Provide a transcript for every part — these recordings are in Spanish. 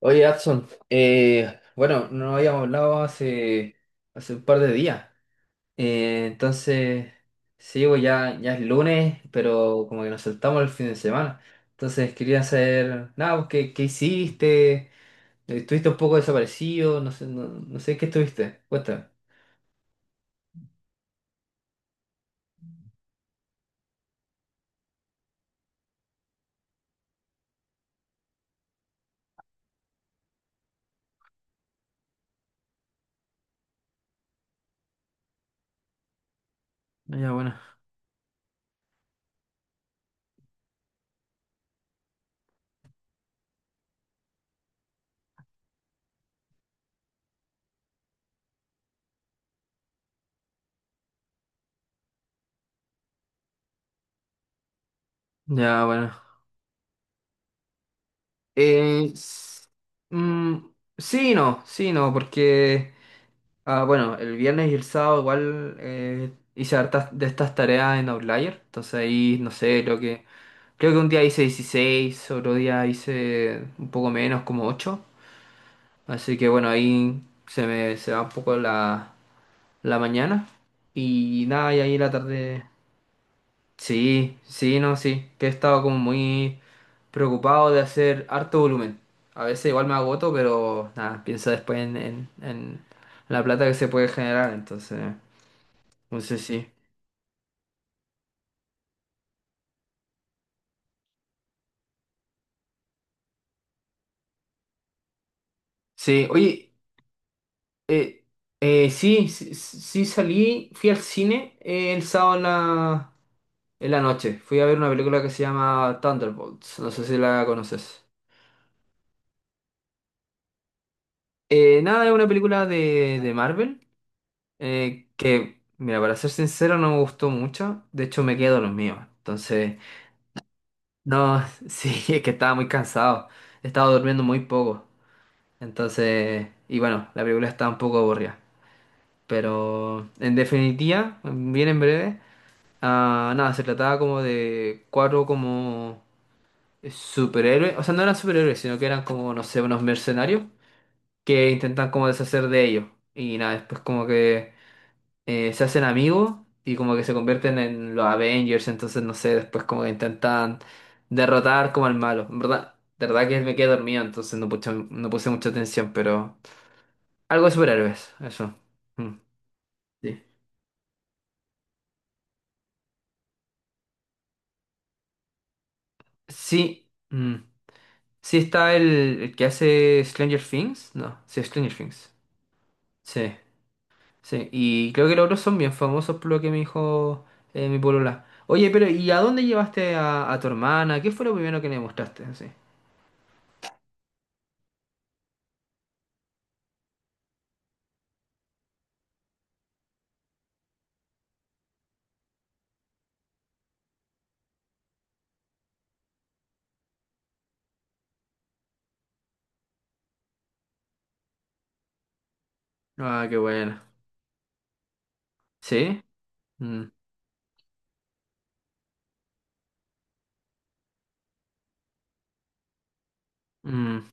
Oye, Adson, bueno, no habíamos hablado hace un par de días. Eh, entonces, sí, pues ya es lunes, pero como que nos saltamos el fin de semana. Entonces, quería saber, nada, pues, ¿qué hiciste? ¿Estuviste un poco desaparecido? No sé, no sé qué estuviste. Cuéntame. Ya, bueno. Ya, bueno. Eh, s- mm, sí, y no, porque... Ah, bueno, el viernes y el sábado igual hice hartas de estas tareas en Outlier. Entonces ahí, no sé, creo que un día hice 16, otro día hice un poco menos, como 8. Así que bueno, ahí se va un poco la mañana. Y nada, y ahí la tarde. Sí, sí, no, sí. Que he estado como muy preocupado de hacer harto volumen. A veces igual me agoto, pero nada, pienso después en la plata que se puede generar. Entonces sí. Sí, oye, eh, sí, sí salí, fui al cine el sábado en en la noche. Fui a ver una película que se llama Thunderbolts, no sé si la conoces. Nada, es una película de Marvel, que, mira, para ser sincero, no me gustó mucho. De hecho, me quedo los míos. Entonces, no, sí, es que estaba muy cansado. Estaba durmiendo muy poco. Entonces, y bueno, la película estaba un poco aburrida. Pero, en definitiva, bien en breve. Ah, nada, se trataba como de cuatro como superhéroes, o sea, no eran superhéroes, sino que eran como, no sé, unos mercenarios que intentan como deshacer de ellos. Y nada, después como que se hacen amigos y como que se convierten en los Avengers, entonces no sé, después como que intentan derrotar como al malo. En verdad, de verdad que me quedé dormido, entonces no puse mucha atención, pero algo de superhéroes, eso. Mm, sí. Sí. Mm. Sí está el que hace Stranger Things. No, sí, Stranger Things. Sí, sí. Y creo que los otros son bien famosos por lo que me dijo mi polola. Oye, pero ¿y a dónde llevaste a tu hermana? ¿Qué fue lo primero que le mostraste? Así. Ah, qué bueno. ¿Sí? Mm, mm,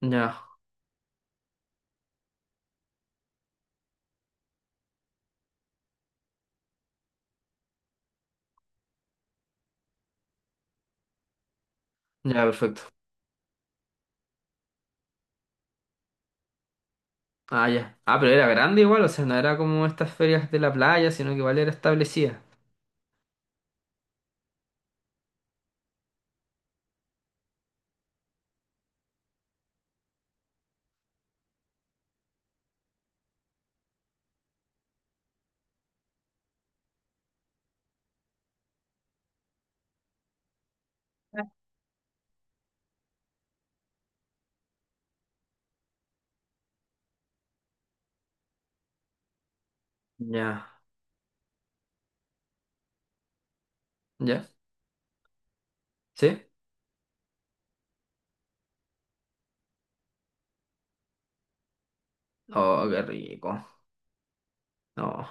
ya, ya, perfecto. Ah, ya. Ah, pero era grande igual, o sea, no era como estas ferias de la playa, sino que igual era establecida. Ya, ya. ¿Sí? Oh, qué rico. No.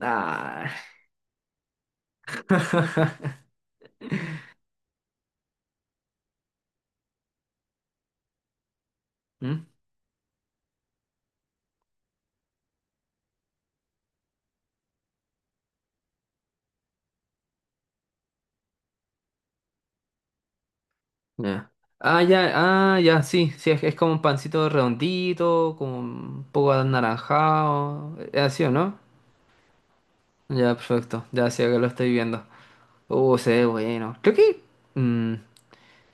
Ah. ¿Mm? Ya. Ah, ya, ah, ya, sí, sí, es como un pancito redondito, como un poco anaranjado, es así, ¿o no? Ya, perfecto, ya, sí, acá lo estoy viendo. Se ve bueno. Creo que, mm,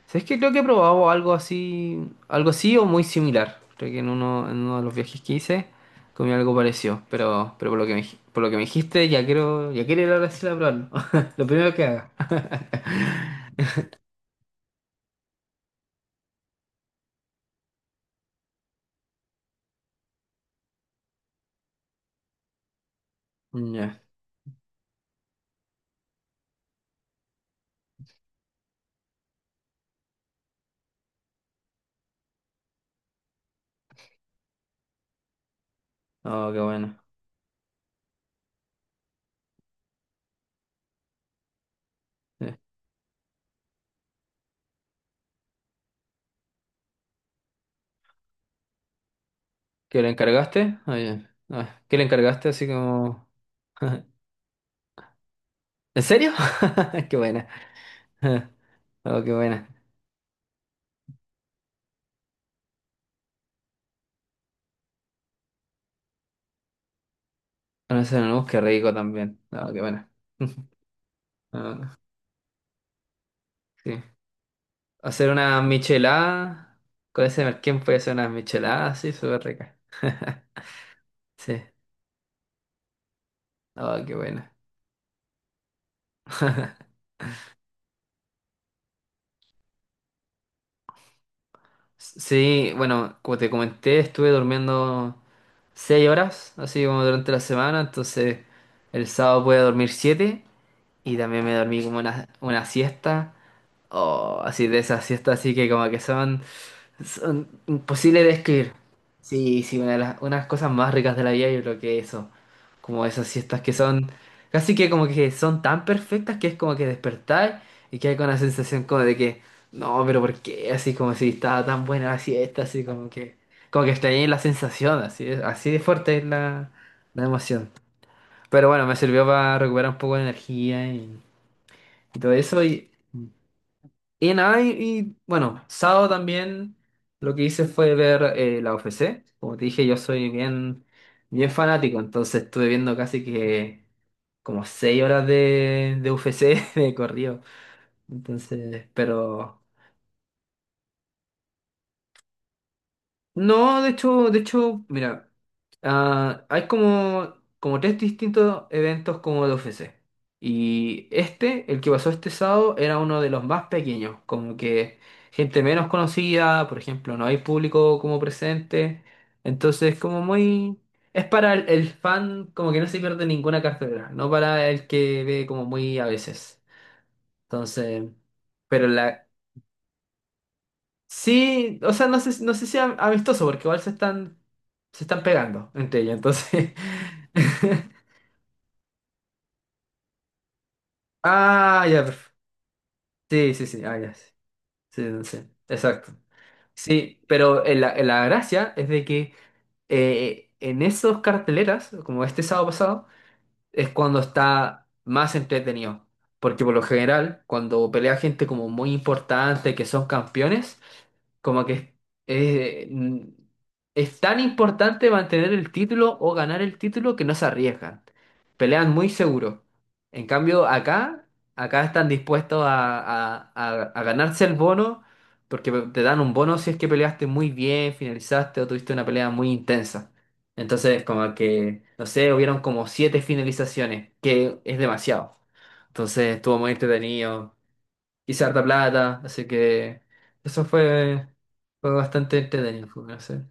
¿sabes qué? Creo que he probado algo así o muy similar. Creo que en uno de los viajes que hice comí algo parecido, pero, por lo que me dijiste, ya quiero ir a Brasil a probarlo. Lo primero que haga. Ya, oh, qué bueno. ¿Que le encargaste? Ah, ya. Ah, ¿que le encargaste así como... ¿En serio? Qué buena. Oh, qué buena. Una, no, qué rico también. No, qué buena. Ah, sí. Hacer una michelada. Con ese merquén puede hacer una michelada así, súper rica. Sí. Oh, qué buena. Sí, bueno, como te comenté, estuve durmiendo 6 horas, así como durante la semana, entonces el sábado pude dormir 7. Y también me dormí como una siesta. O así de esas siestas así que como que son imposibles de escribir. Sí, sí, una de las unas cosas más ricas de la vida yo creo que eso. Como esas siestas que son casi que como que son tan perfectas que es como que despertar y que hay con la sensación como de que no, pero ¿por qué? Así como si estaba tan buena la siesta, así como que extrañé la sensación, así de fuerte es la emoción. Pero bueno, me sirvió para recuperar un poco de energía y todo eso. Y nada, y, bueno, sábado también lo que hice fue ver la UFC. Como te dije, yo soy bien fanático, entonces estuve viendo casi que como 6 horas de UFC de corrido. Entonces, pero... No, de hecho, mira, ah, hay como, como 3 distintos eventos como de UFC. Y este, el que pasó este sábado, era uno de los más pequeños, como que gente menos conocida, por ejemplo, no hay público como presente. Entonces, como muy... Es para el fan, como que no se pierde ninguna cartelera, no para el que ve como muy a veces. Entonces, pero la, sí, o sea, no sé, no sé si am- amistoso, porque se están pegando entre ellos, entonces. Ah, ya, perf- sí, sí, sí, ah, ya, sí, sí, no sé, exacto. Sí, pero la gracia es de que en esos carteleras, como este sábado pasado, es cuando está más entretenido. Porque por lo general, cuando pelea gente como muy importante, que son campeones, como que eh, mm, es tan importante mantener el título o ganar el título que no se arriesgan. Pelean muy seguro. En cambio, acá están dispuestos a ganarse el bono porque te dan un bono si es que peleaste muy bien, finalizaste o tuviste una pelea muy intensa. Entonces, como que, no sé, hubieron como 7 finalizaciones, que es demasiado. Entonces, estuvo muy entretenido, hice harta plata, así que eso fue, fue bastante entretenido, fue, no sé.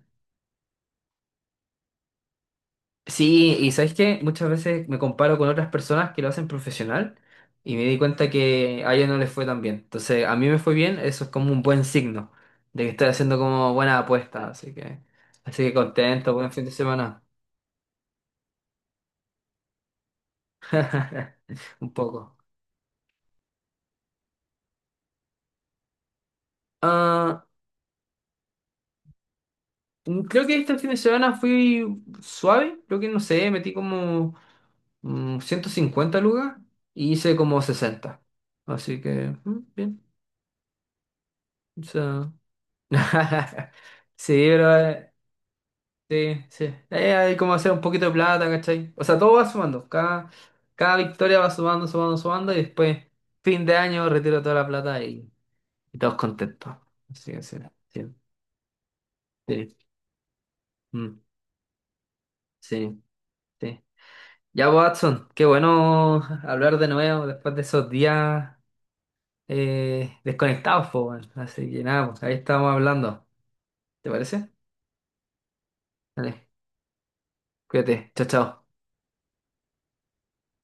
Sí, y ¿sabes qué? Muchas veces me comparo con otras personas que lo hacen profesional y me di cuenta que a ellos no les fue tan bien. Entonces, a mí me fue bien, eso es como un buen signo de que estoy haciendo como buena apuesta, así que contento, buen fin de semana. Un poco. Ah, mm, creo que este fin de semana fui suave, creo que no sé, metí como mm, 150 lucas y hice como 60. Así que, mm, bien. O sea, sí, pero sí, sí. Hay como hacer un poquito de plata, ¿cachai? O sea, todo va sumando. Cada victoria va sumando, sumando, sumando y después, fin de año, retiro toda la plata y todos contentos. Así que sí, sí, sí. Mm, sí, sí. Ya, pues, Watson, qué bueno hablar de nuevo después de esos días desconectados, po, weón. Así que nada, pues, ahí estamos hablando. ¿Te parece? Dale, cuídate, chao, chao.